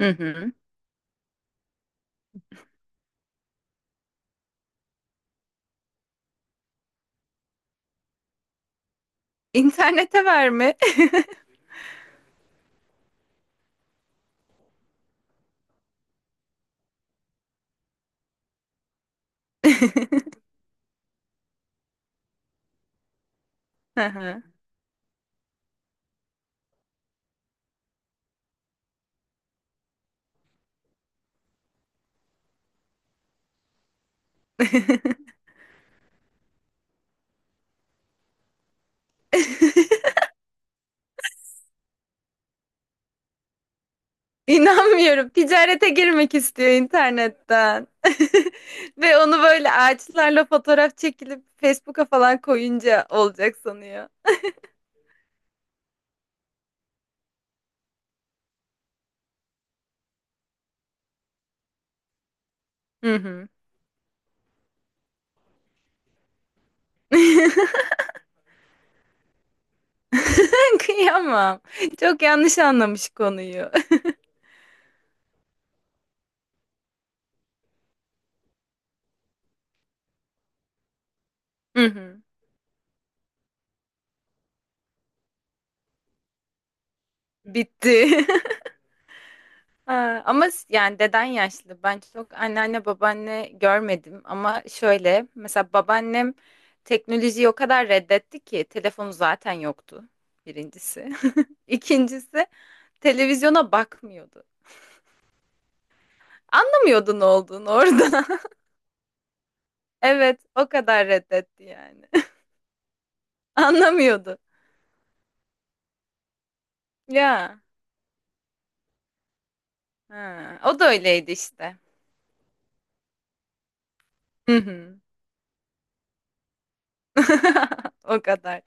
Hı hı. İnternete verme. Hı hı. İnanmıyorum. Ticarete girmek istiyor internetten. Ve onu böyle ağaçlarla fotoğraf çekilip Facebook'a falan koyunca olacak sanıyor. Hı hı. Kıyamam. Çok yanlış anlamış konuyu. Hı hı. Bitti. Ha, ama yani deden yaşlı. Ben çok anneanne babaanne görmedim ama şöyle mesela babaannem teknolojiyi o kadar reddetti ki telefonu zaten yoktu birincisi. İkincisi televizyona bakmıyordu. Anlamıyordu ne olduğunu orada. Evet, o kadar reddetti yani. Anlamıyordu. Ya, ha, o da öyleydi işte. Hı hı. O kadar.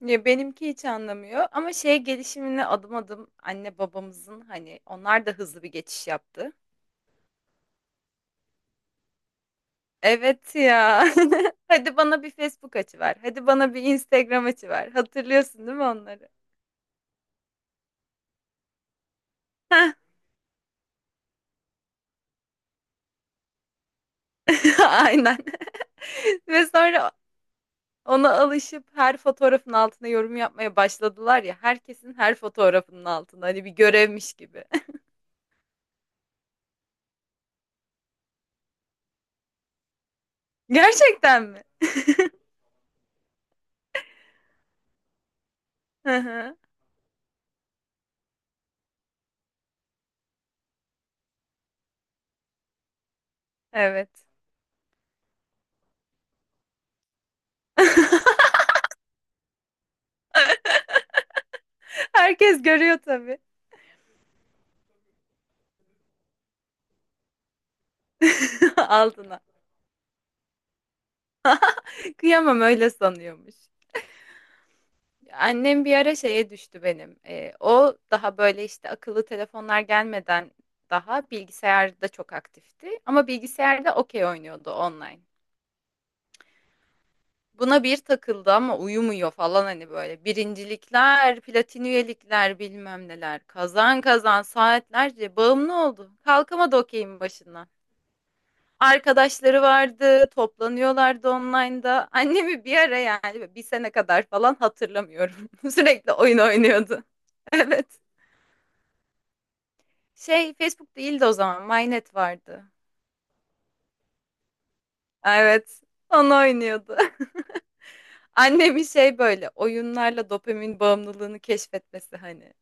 Ya benimki hiç anlamıyor ama şey gelişimine adım adım anne babamızın hani onlar da hızlı bir geçiş yaptı. Evet ya. Hadi bana bir Facebook açıver. Hadi bana bir Instagram açıver. Hatırlıyorsun değil mi onları? Heh. Aynen. Ve sonra ona alışıp her fotoğrafın altına yorum yapmaya başladılar ya. Herkesin her fotoğrafının altına hani bir görevmiş gibi. Gerçekten mi? Hı hı. Evet. Herkes görüyor tabii. Altına. Kıyamam, öyle sanıyormuş. Annem bir ara şeye düştü benim. O daha böyle işte akıllı telefonlar gelmeden daha bilgisayarda çok aktifti. Ama bilgisayarda okey oynuyordu online. Buna bir takıldı ama uyumuyor falan hani böyle. Birincilikler, platin üyelikler bilmem neler. Kazan kazan saatlerce bağımlı oldu. Kalkamadı okeyin başından. Arkadaşları vardı, toplanıyorlardı online'da. Annemi bir ara, yani bir sene kadar falan, hatırlamıyorum. Sürekli oyun oynuyordu. Evet. Şey, Facebook değildi o zaman. MyNet vardı. Evet. Onu oynuyordu. Annemin şey, böyle oyunlarla dopamin bağımlılığını keşfetmesi hani.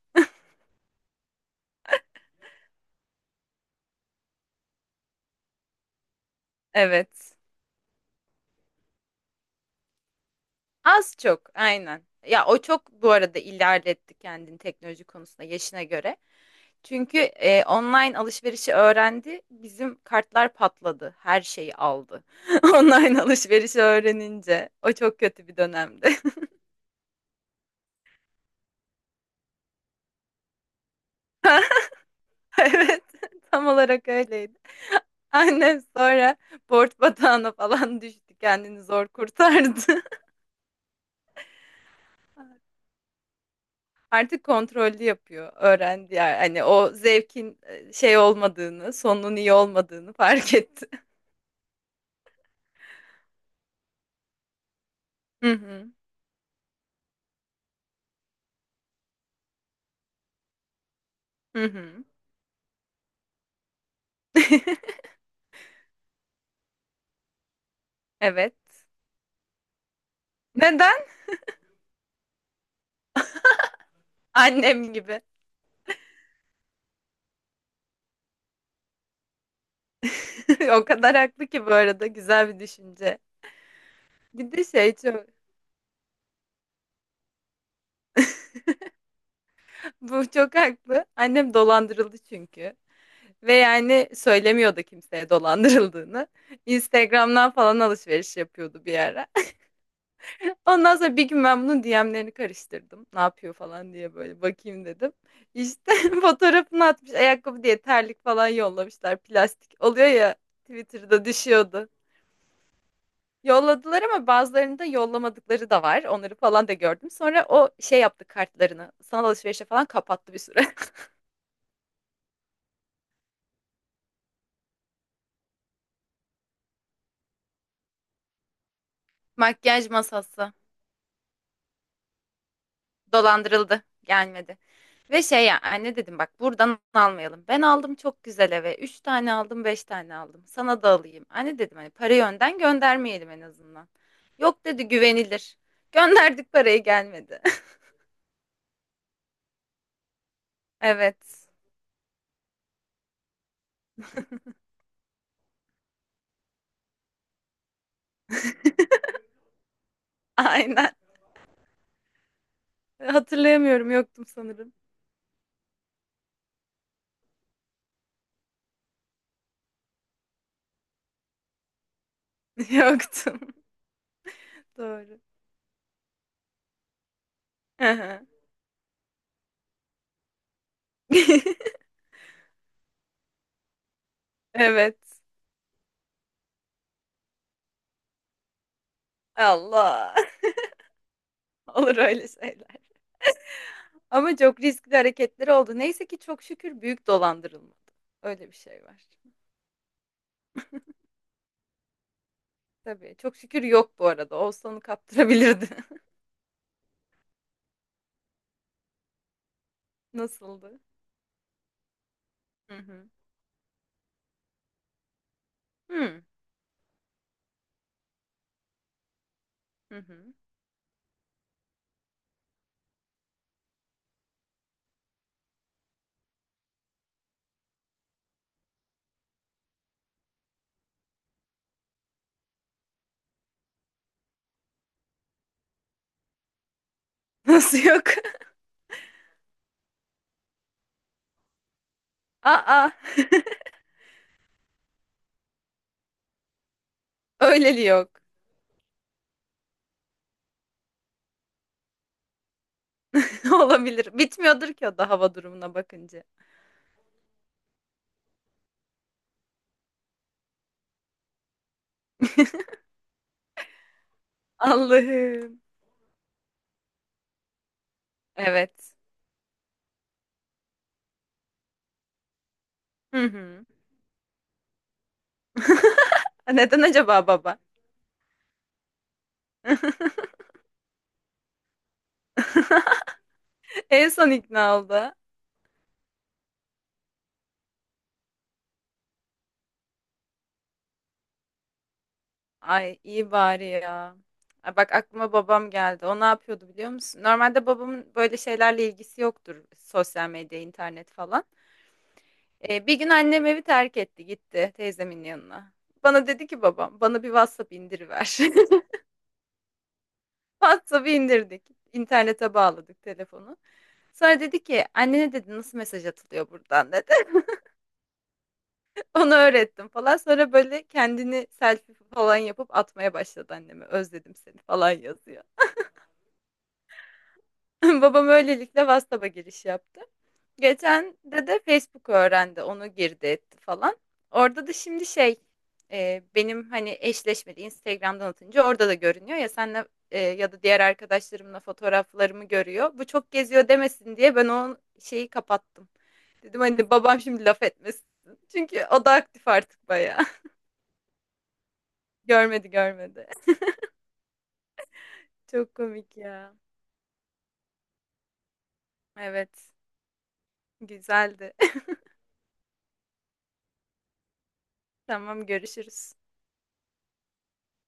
Evet. Az çok aynen. Ya o çok bu arada ilerletti kendini teknoloji konusunda yaşına göre. Çünkü online alışverişi öğrendi, bizim kartlar patladı, her şeyi aldı. Online alışverişi öğrenince, o çok kötü bir dönemdi. Evet, tam olarak öyleydi. Annem sonra borç batağına falan düştü, kendini zor kurtardı. Artık kontrollü yapıyor, öğrendi yani. Hani o zevkin şey olmadığını, sonunun iyi olmadığını fark etti. Hı hı, hı hı. Evet. Neden? Annem gibi. O kadar haklı ki, bu arada güzel bir düşünce. Bir de şey çok, bu çok haklı. Annem dolandırıldı çünkü. Ve yani söylemiyordu kimseye dolandırıldığını. Instagram'dan falan alışveriş yapıyordu bir ara. Ondan sonra bir gün ben bunun DM'lerini karıştırdım. Ne yapıyor falan diye böyle bakayım dedim. İşte fotoğrafını atmış, ayakkabı diye terlik falan yollamışlar. Plastik oluyor ya, Twitter'da düşüyordu. Yolladılar ama bazılarını da yollamadıkları da var. Onları falan da gördüm. Sonra o şey yaptı kartlarını. Sanal alışverişe falan kapattı bir süre. Makyaj masası dolandırıldı. Gelmedi. Ve şey, ya anne dedim, bak buradan almayalım. Ben aldım çok güzel eve. Üç tane aldım, beş tane aldım. Sana da alayım. Anne dedim, hani parayı önden göndermeyelim en azından. Yok dedi, güvenilir. Gönderdik parayı, gelmedi. Evet. Aynen. Hatırlayamıyorum. Yoktum sanırım. Yoktum. Doğru. Evet. Allah. Olur öyle şeyler. Ama çok riskli hareketleri oldu. Neyse ki çok şükür büyük dolandırılmadı. Öyle bir şey var. Tabii. Çok şükür yok bu arada. Olsa onu kaptırabilirdi. Nasıldı? Hı hı. Hı hı. hı. Nasıl yok? Aa. Öyleli yok. Olabilir. Bitmiyordur ki o da hava durumuna bakınca. Allah'ım. Evet. Hı hı. Neden acaba baba? En son ikna oldu. Ay iyi bari ya. Ay, bak, aklıma babam geldi. O ne yapıyordu biliyor musun? Normalde babamın böyle şeylerle ilgisi yoktur. Sosyal medya, internet falan. Bir gün annem evi terk etti, gitti teyzemin yanına. Bana dedi ki babam, bana bir WhatsApp indiriver. WhatsApp'ı indirdik. İnternete bağladık telefonu. Sonra dedi ki annene, dedi nasıl mesaj atılıyor buradan dedi. Onu öğrettim falan. Sonra böyle kendini selfie falan yapıp atmaya başladı anneme. Özledim seni falan yazıyor. Babam öylelikle WhatsApp'a giriş yaptı. Geçen de de Facebook'u öğrendi. Onu girdi etti falan. Orada da şimdi şey, benim hani eşleşmedi Instagram'dan atınca orada da görünüyor ya senle, ya da diğer arkadaşlarımla fotoğraflarımı görüyor. Bu çok geziyor demesin diye ben o şeyi kapattım. Dedim hani babam şimdi laf etmesin. Çünkü o da aktif artık bayağı. Görmedi, görmedi. Çok komik ya. Evet. Güzeldi. Tamam, görüşürüz.